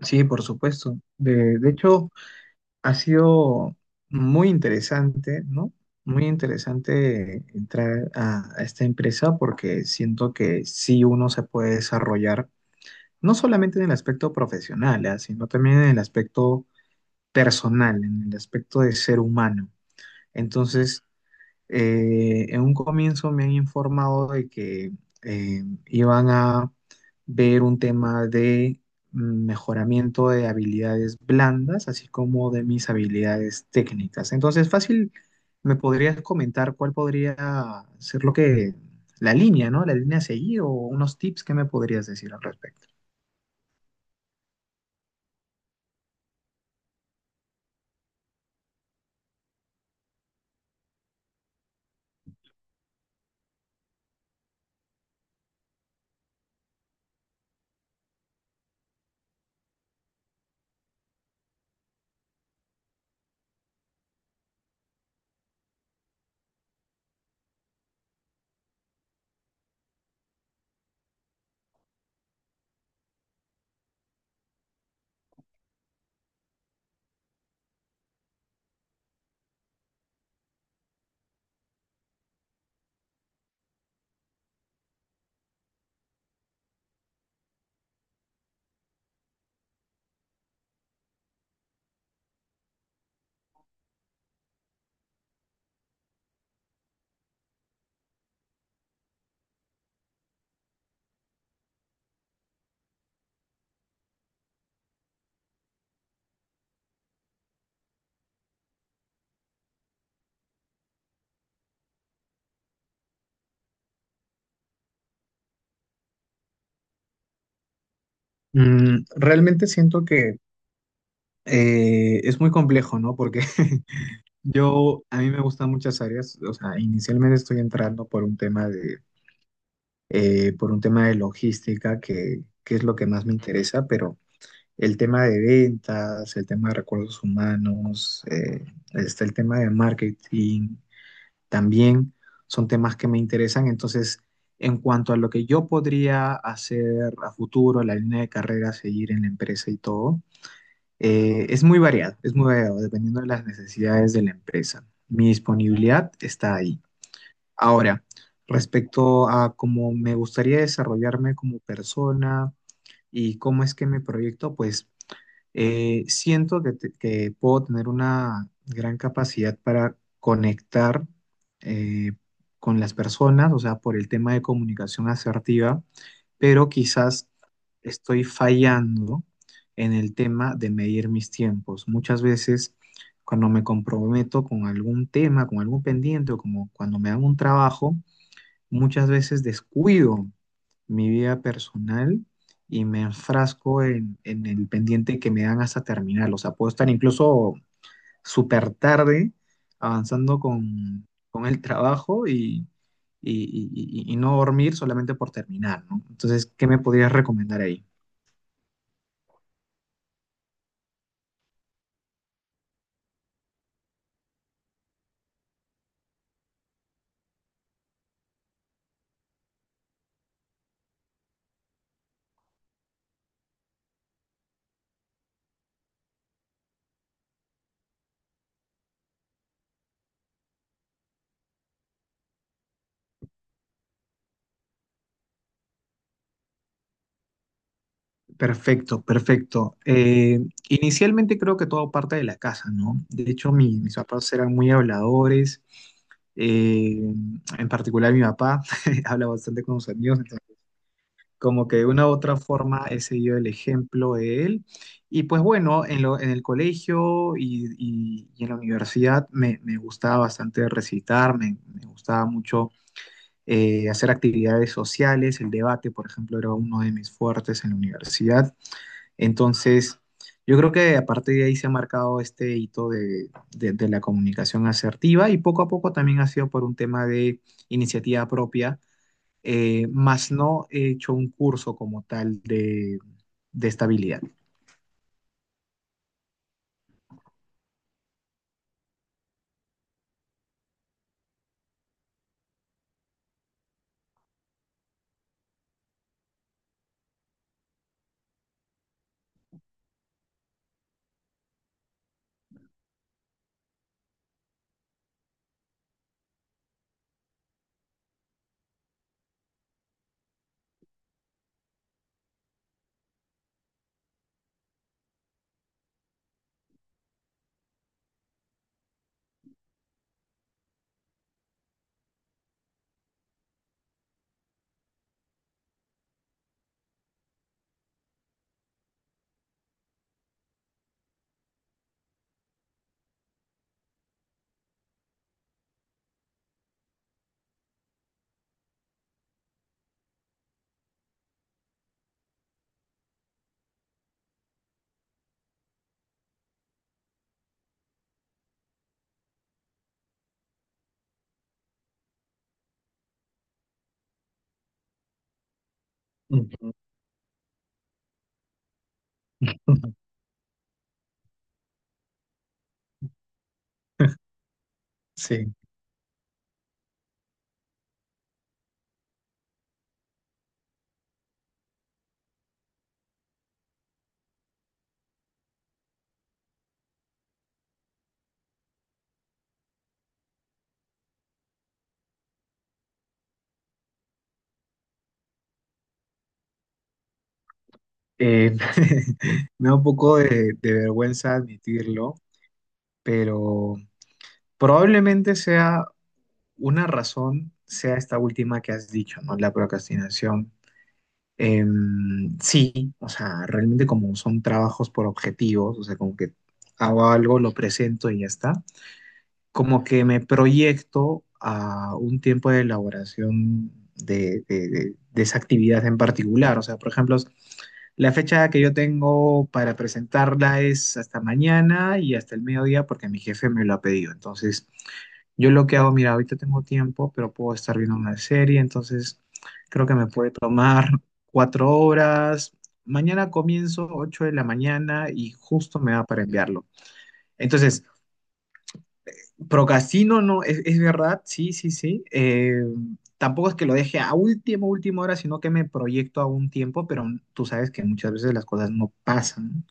Sí, por supuesto. De hecho, ha sido muy interesante, ¿no? Muy interesante entrar a esta empresa porque siento que sí uno se puede desarrollar, no solamente en el aspecto profesional, ¿ah? Sino también en el aspecto personal, en el aspecto de ser humano. Entonces, en un comienzo me han informado de que iban a ver un tema de mejoramiento de habilidades blandas, así como de mis habilidades técnicas. Entonces, fácil, ¿me podrías comentar cuál podría ser lo que, la línea, ¿no? La línea a seguir o unos tips que me podrías decir al respecto? Realmente siento que es muy complejo, ¿no? Porque a mí me gustan muchas áreas, o sea, inicialmente estoy entrando por un tema de, por un tema de logística, que es lo que más me interesa, pero el tema de ventas, el tema de recursos humanos, está el tema de marketing, también son temas que me interesan. Entonces, en cuanto a lo que yo podría hacer a futuro, la línea de carrera, seguir en la empresa y todo. Es muy variado, es muy variado, dependiendo de las necesidades de la empresa. Mi disponibilidad está ahí. Ahora, respecto a cómo me gustaría desarrollarme como persona y cómo es que me proyecto, pues siento que, que puedo tener una gran capacidad para conectar eh, con las personas, o sea, por el tema de comunicación asertiva, pero quizás estoy fallando en el tema de medir mis tiempos. Muchas veces cuando me comprometo con algún tema, con algún pendiente, o como cuando me hago un trabajo, muchas veces descuido mi vida personal y me enfrasco en el pendiente que me dan hasta terminarlo. O sea, puedo estar incluso súper tarde, avanzando con el trabajo y no dormir solamente por terminar, ¿no? Entonces, ¿qué me podrías recomendar ahí? Perfecto, perfecto. Inicialmente creo que todo parte de la casa, ¿no? De hecho, mis papás eran muy habladores, eh, en particular mi papá habla bastante con sus amigos, como que de una u otra forma he seguido el ejemplo de él. Y pues bueno, en el colegio y en la universidad me gustaba bastante recitar, me gustaba mucho hacer actividades sociales, el debate, por ejemplo, era uno de mis fuertes en la universidad. Entonces, yo creo que a partir de ahí se ha marcado este hito de, de la comunicación asertiva y poco a poco también ha sido por un tema de iniciativa propia, más no he hecho un curso como tal de estabilidad. Ujú. Sí, eh, me da un poco de vergüenza admitirlo, pero probablemente sea una razón, sea esta última que has dicho, ¿no? La procrastinación. Sí, o sea, realmente como son trabajos por objetivos, o sea, como que hago algo, lo presento y ya está. Como que me proyecto a un tiempo de elaboración de, de esa actividad en particular. O sea, por ejemplo, la fecha que yo tengo para presentarla es hasta mañana y hasta el mediodía porque mi jefe me lo ha pedido. Entonces, yo lo que hago, mira, ahorita tengo tiempo, pero puedo estar viendo una serie, entonces creo que me puede tomar 4 horas. Mañana comienzo 8 de la mañana y justo me da para enviarlo. Entonces, procrastino, no, es verdad, sí, sí, sí. Tampoco es que lo deje a última, última hora, sino que me proyecto a un tiempo, pero tú sabes que muchas veces las cosas no pasan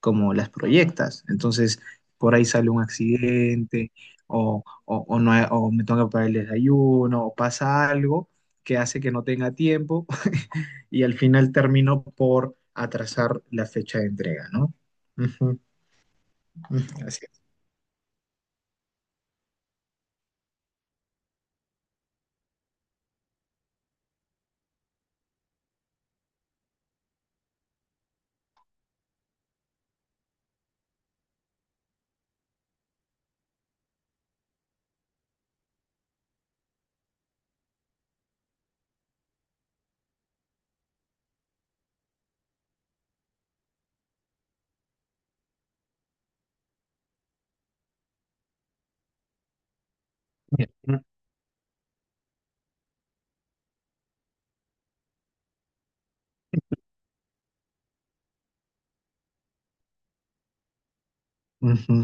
como las proyectas. Entonces, por ahí sale un accidente o no, o me tengo que pagar el desayuno o pasa algo que hace que no tenga tiempo y al final termino por atrasar la fecha de entrega, ¿no? Ujú, ujú, así es. Ujú.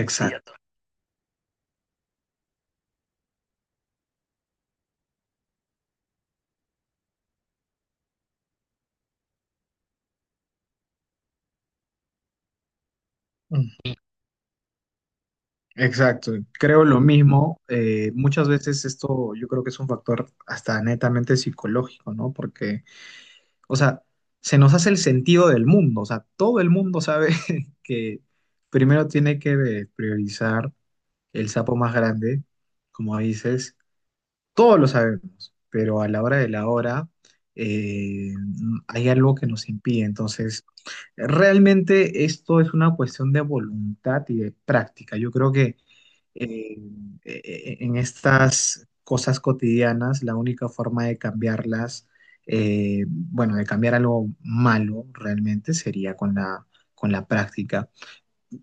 Exacto. Exacto, creo lo mismo. Muchas veces esto yo creo que es un factor hasta netamente psicológico, ¿no? Porque, o sea, se nos hace el sentido del mundo, o sea, todo el mundo sabe que primero tiene que priorizar el sapo más grande, como dices, todos lo sabemos, pero a la hora de la hora eh, hay algo que nos impide. Entonces, realmente esto es una cuestión de voluntad y de práctica. Yo creo que eh, en estas cosas cotidianas, la única forma de cambiarlas, bueno, de cambiar algo malo realmente sería con la práctica.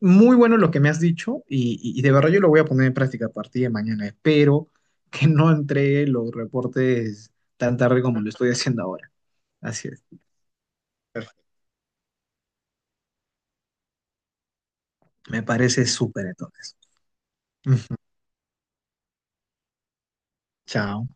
Muy bueno lo que me has dicho y de verdad yo lo voy a poner en práctica a partir de mañana. Espero que no entregue los reportes tan tarde como lo estoy haciendo ahora. Así es. Me parece súper entonces. Ujú. Chao.